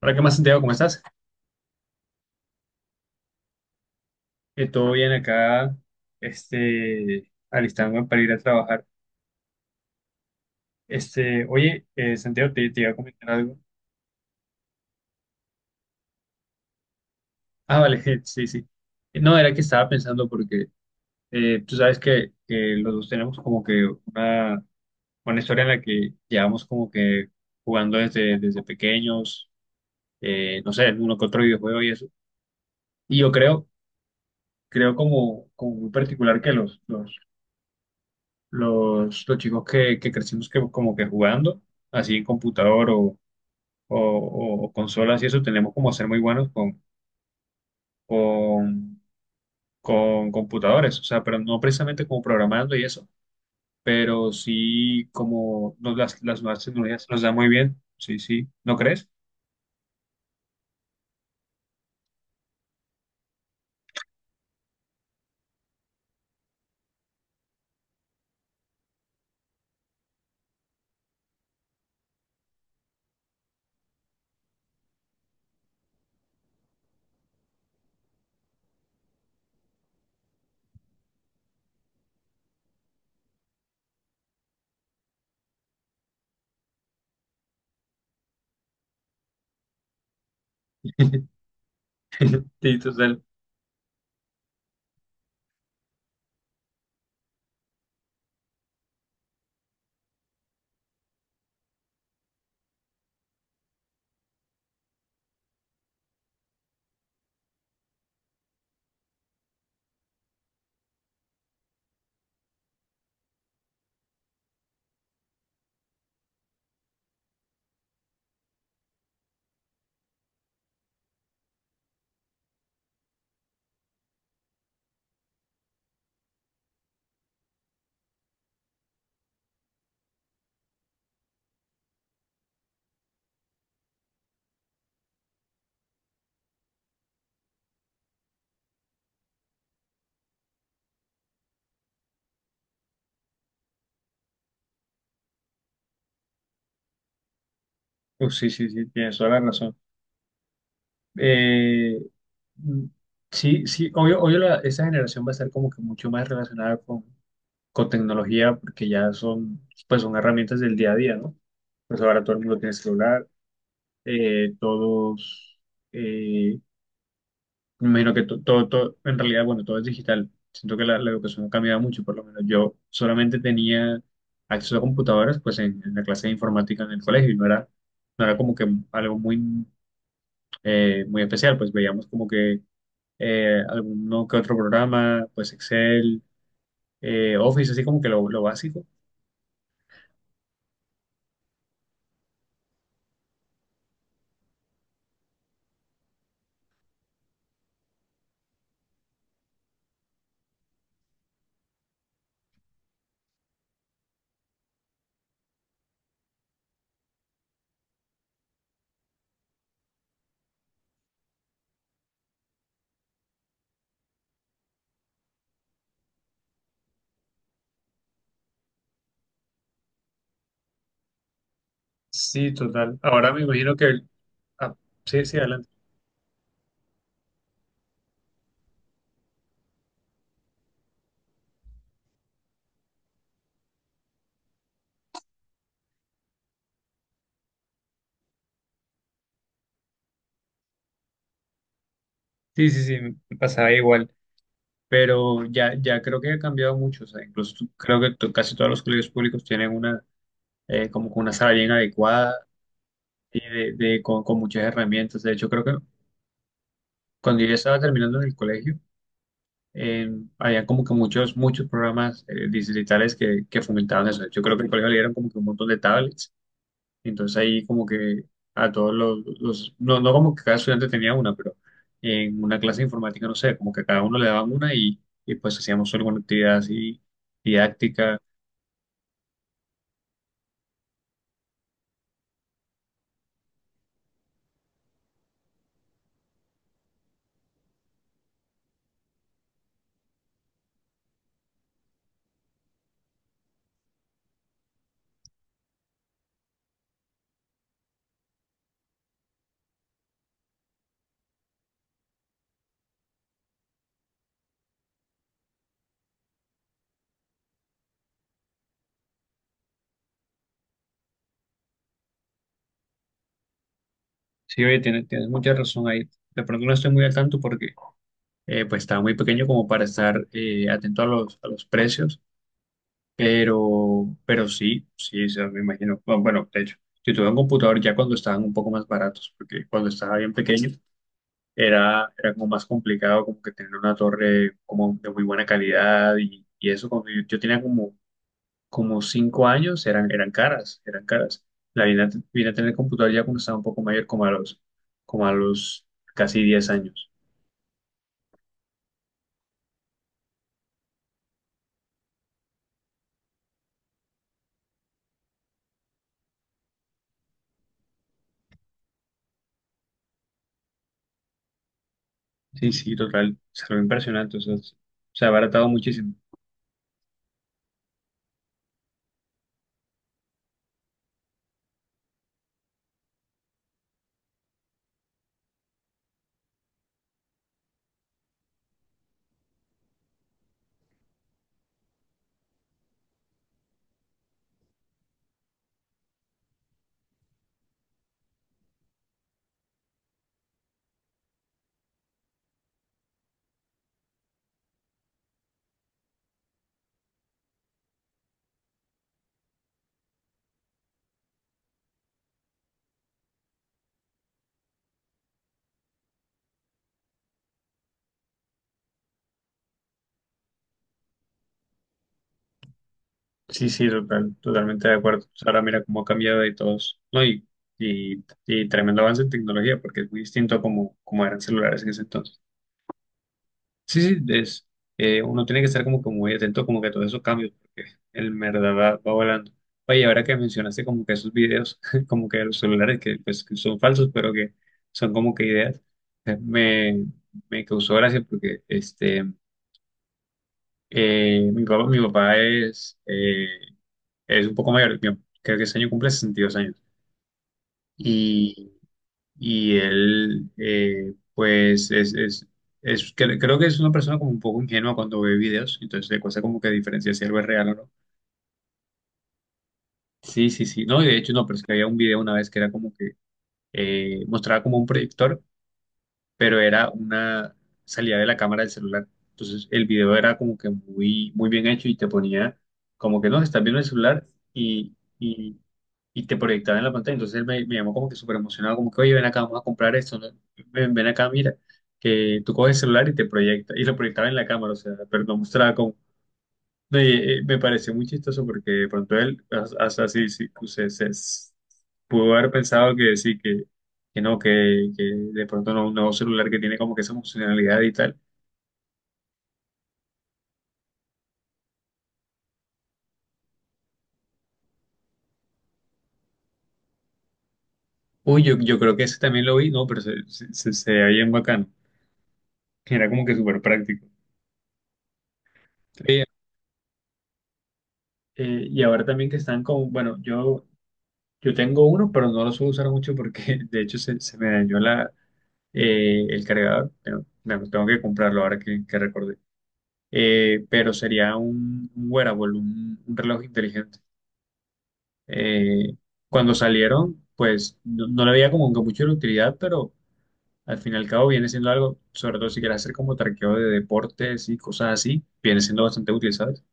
Hola, ¿qué más, Santiago? ¿Cómo estás? Todo bien acá, alistándome para ir a trabajar. Este, oye, Santiago, te iba a comentar algo. Ah, vale, sí, sí. No, era que estaba pensando porque tú sabes que los dos tenemos como que una historia en la que llevamos como que jugando desde pequeños, no sé, uno que otro videojuego y eso. Y yo creo, creo como, como muy particular que los chicos que crecimos que, como que jugando, así en computador o, o consolas y eso, tenemos como ser muy buenos con, con computadores, o sea, pero no precisamente como programando y eso, pero sí como nos, las nuevas tecnologías nos dan muy bien, sí, sí, ¿no crees? Sí, total. Pues sí, sí, sí, tienes toda la razón. Eh, mm, sí, sí, obvio, obvio la- esa generación va a estar como que mucho más relacionada con tecnología, porque ya son, pues son herramientas del día a día, ¿no? Pues ahora todo el mundo tiene celular, todos, eh, me imagino que to- todo, todo, en realidad, bueno, todo es digital. Siento que la educación ha cambiado mucho, por lo menos yo solamente tenía acceso a computadoras, pues en la clase de informática en el colegio, y no era, no era como que algo muy, muy especial, pues veíamos como que alguno que otro programa, pues Excel, Office, así como que lo básico. Sí, total. Ahora me imagino que el- ah, sí, sí, adelante. Sí, sí, sí, me pasaba igual, pero ya, ya creo que ha cambiado mucho. O sea, incluso tú- creo que to- casi todos los colegios públicos tienen una, como que una sala bien adecuada y de- con muchas herramientas. De hecho, creo que cuando yo estaba terminando en el colegio, en- había como que muchos, muchos programas distritales que fomentaban eso. Yo creo que el colegio le dieron como que un montón de tablets. Entonces ahí como que a todos los- no, no como que cada estudiante tenía una, pero en una clase de informática, no sé, como que cada uno le daban una y pues hacíamos alguna actividad así didáctica. Sí, oye, tienes, tienes mucha razón ahí. De pronto no estoy muy al tanto porque pues estaba muy pequeño como para estar atento a los precios, pero sí, sí, o sea, me imagino. Bueno, bueno, de hecho, yo tuve un computador ya cuando estaban un poco más baratos, porque cuando estaba bien pequeño era, era como más complicado como que tener una torre como de muy buena calidad y eso cuando yo tenía como, como 5 años eran, eran caras, eran caras. La vine a, te- vine a tener computador ya cuando estaba un poco mayor, como a los casi 10 años. Sí, sí, total, se lo impresionante, o sea, se se ha abaratado muchísimo. Sí, sí, total, totalmente de acuerdo. O sea, ahora mira cómo ha cambiado y todos, ¿no? Y tremendo avance en tecnología, porque es muy distinto a como, como eran celulares en ese entonces. Sí, sí, es, uno tiene que estar como que muy atento como que a todos esos cambios, porque el verdad va, va volando. Oye, ahora que mencionaste como que esos videos, como que de los celulares que, pues, que son falsos, pero que son como que ideas, me, me causó gracia porque mi papá es un poco mayor, yo creo que ese año cumple 62 años. Y y él, pues, es- cre- creo que es una persona como un poco ingenua cuando ve videos, entonces le cuesta como que diferenciar si algo es real o no. Sí, sí, sí, no, y de hecho no, pero es que había un video una vez que era como que mostraba como un proyector pero era una salida de la cámara del celular. Entonces el video era como que muy, muy bien hecho y te ponía como que no, estás viendo el celular y, y, y te proyectaba en la pantalla. Entonces él me, me llamó como que súper emocionado, como que, oye, ven acá, vamos a comprar esto, ¿no? Ven, ven acá, mira, que tú coges el celular y te proyecta, y lo proyectaba en la cámara, o sea, pero no mostraba como no, y, me pareció muy chistoso porque de pronto él, hasta sí, sí, se- s- pudo haber pensado que sí, que no, que de pronto no, un nuevo celular que tiene como que esa funcionalidad y tal. Uy, yo creo que ese también lo vi, no, pero se veía bien bacano. Era como que súper práctico. Oye, y ahora también que están con, bueno, yo tengo uno, pero no lo suelo usar mucho porque de hecho se, se me dañó la, el cargador. Pero, bueno, tengo que comprarlo ahora que recordé. Pero sería un wearable, un reloj inteligente. Eh, Cuando salieron, pues no, no le veía como que mucho de utilidad, pero al fin y al cabo viene siendo algo, sobre todo si quieres hacer como traqueo de deportes y cosas así, viene siendo bastante útil, ¿sabes?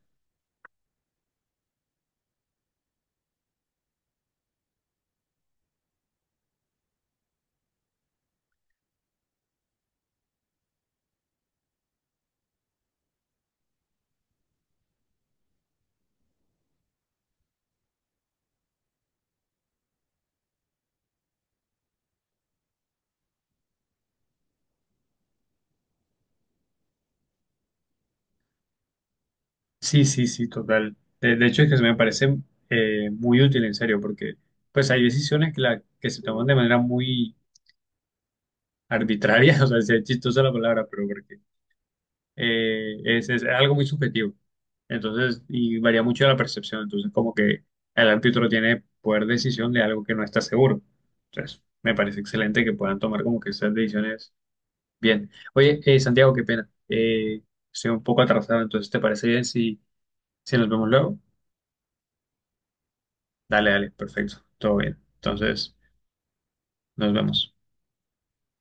Sí, sí, sí, total. De hecho, es que se me parece muy útil, en serio, porque pues hay decisiones que, la, que se toman de manera muy arbitraria, o sea, es chistosa la palabra, pero porque es algo muy subjetivo. Entonces, y varía mucho de la percepción. Entonces, como que el árbitro tiene poder de decisión de algo que no está seguro. Entonces, me parece excelente que puedan tomar como que esas decisiones bien. Oye, Santiago, qué pena. Estoy un poco atrasado, entonces, ¿te parece bien si, si nos vemos luego? Dale, dale, perfecto, todo bien. Entonces, nos vemos.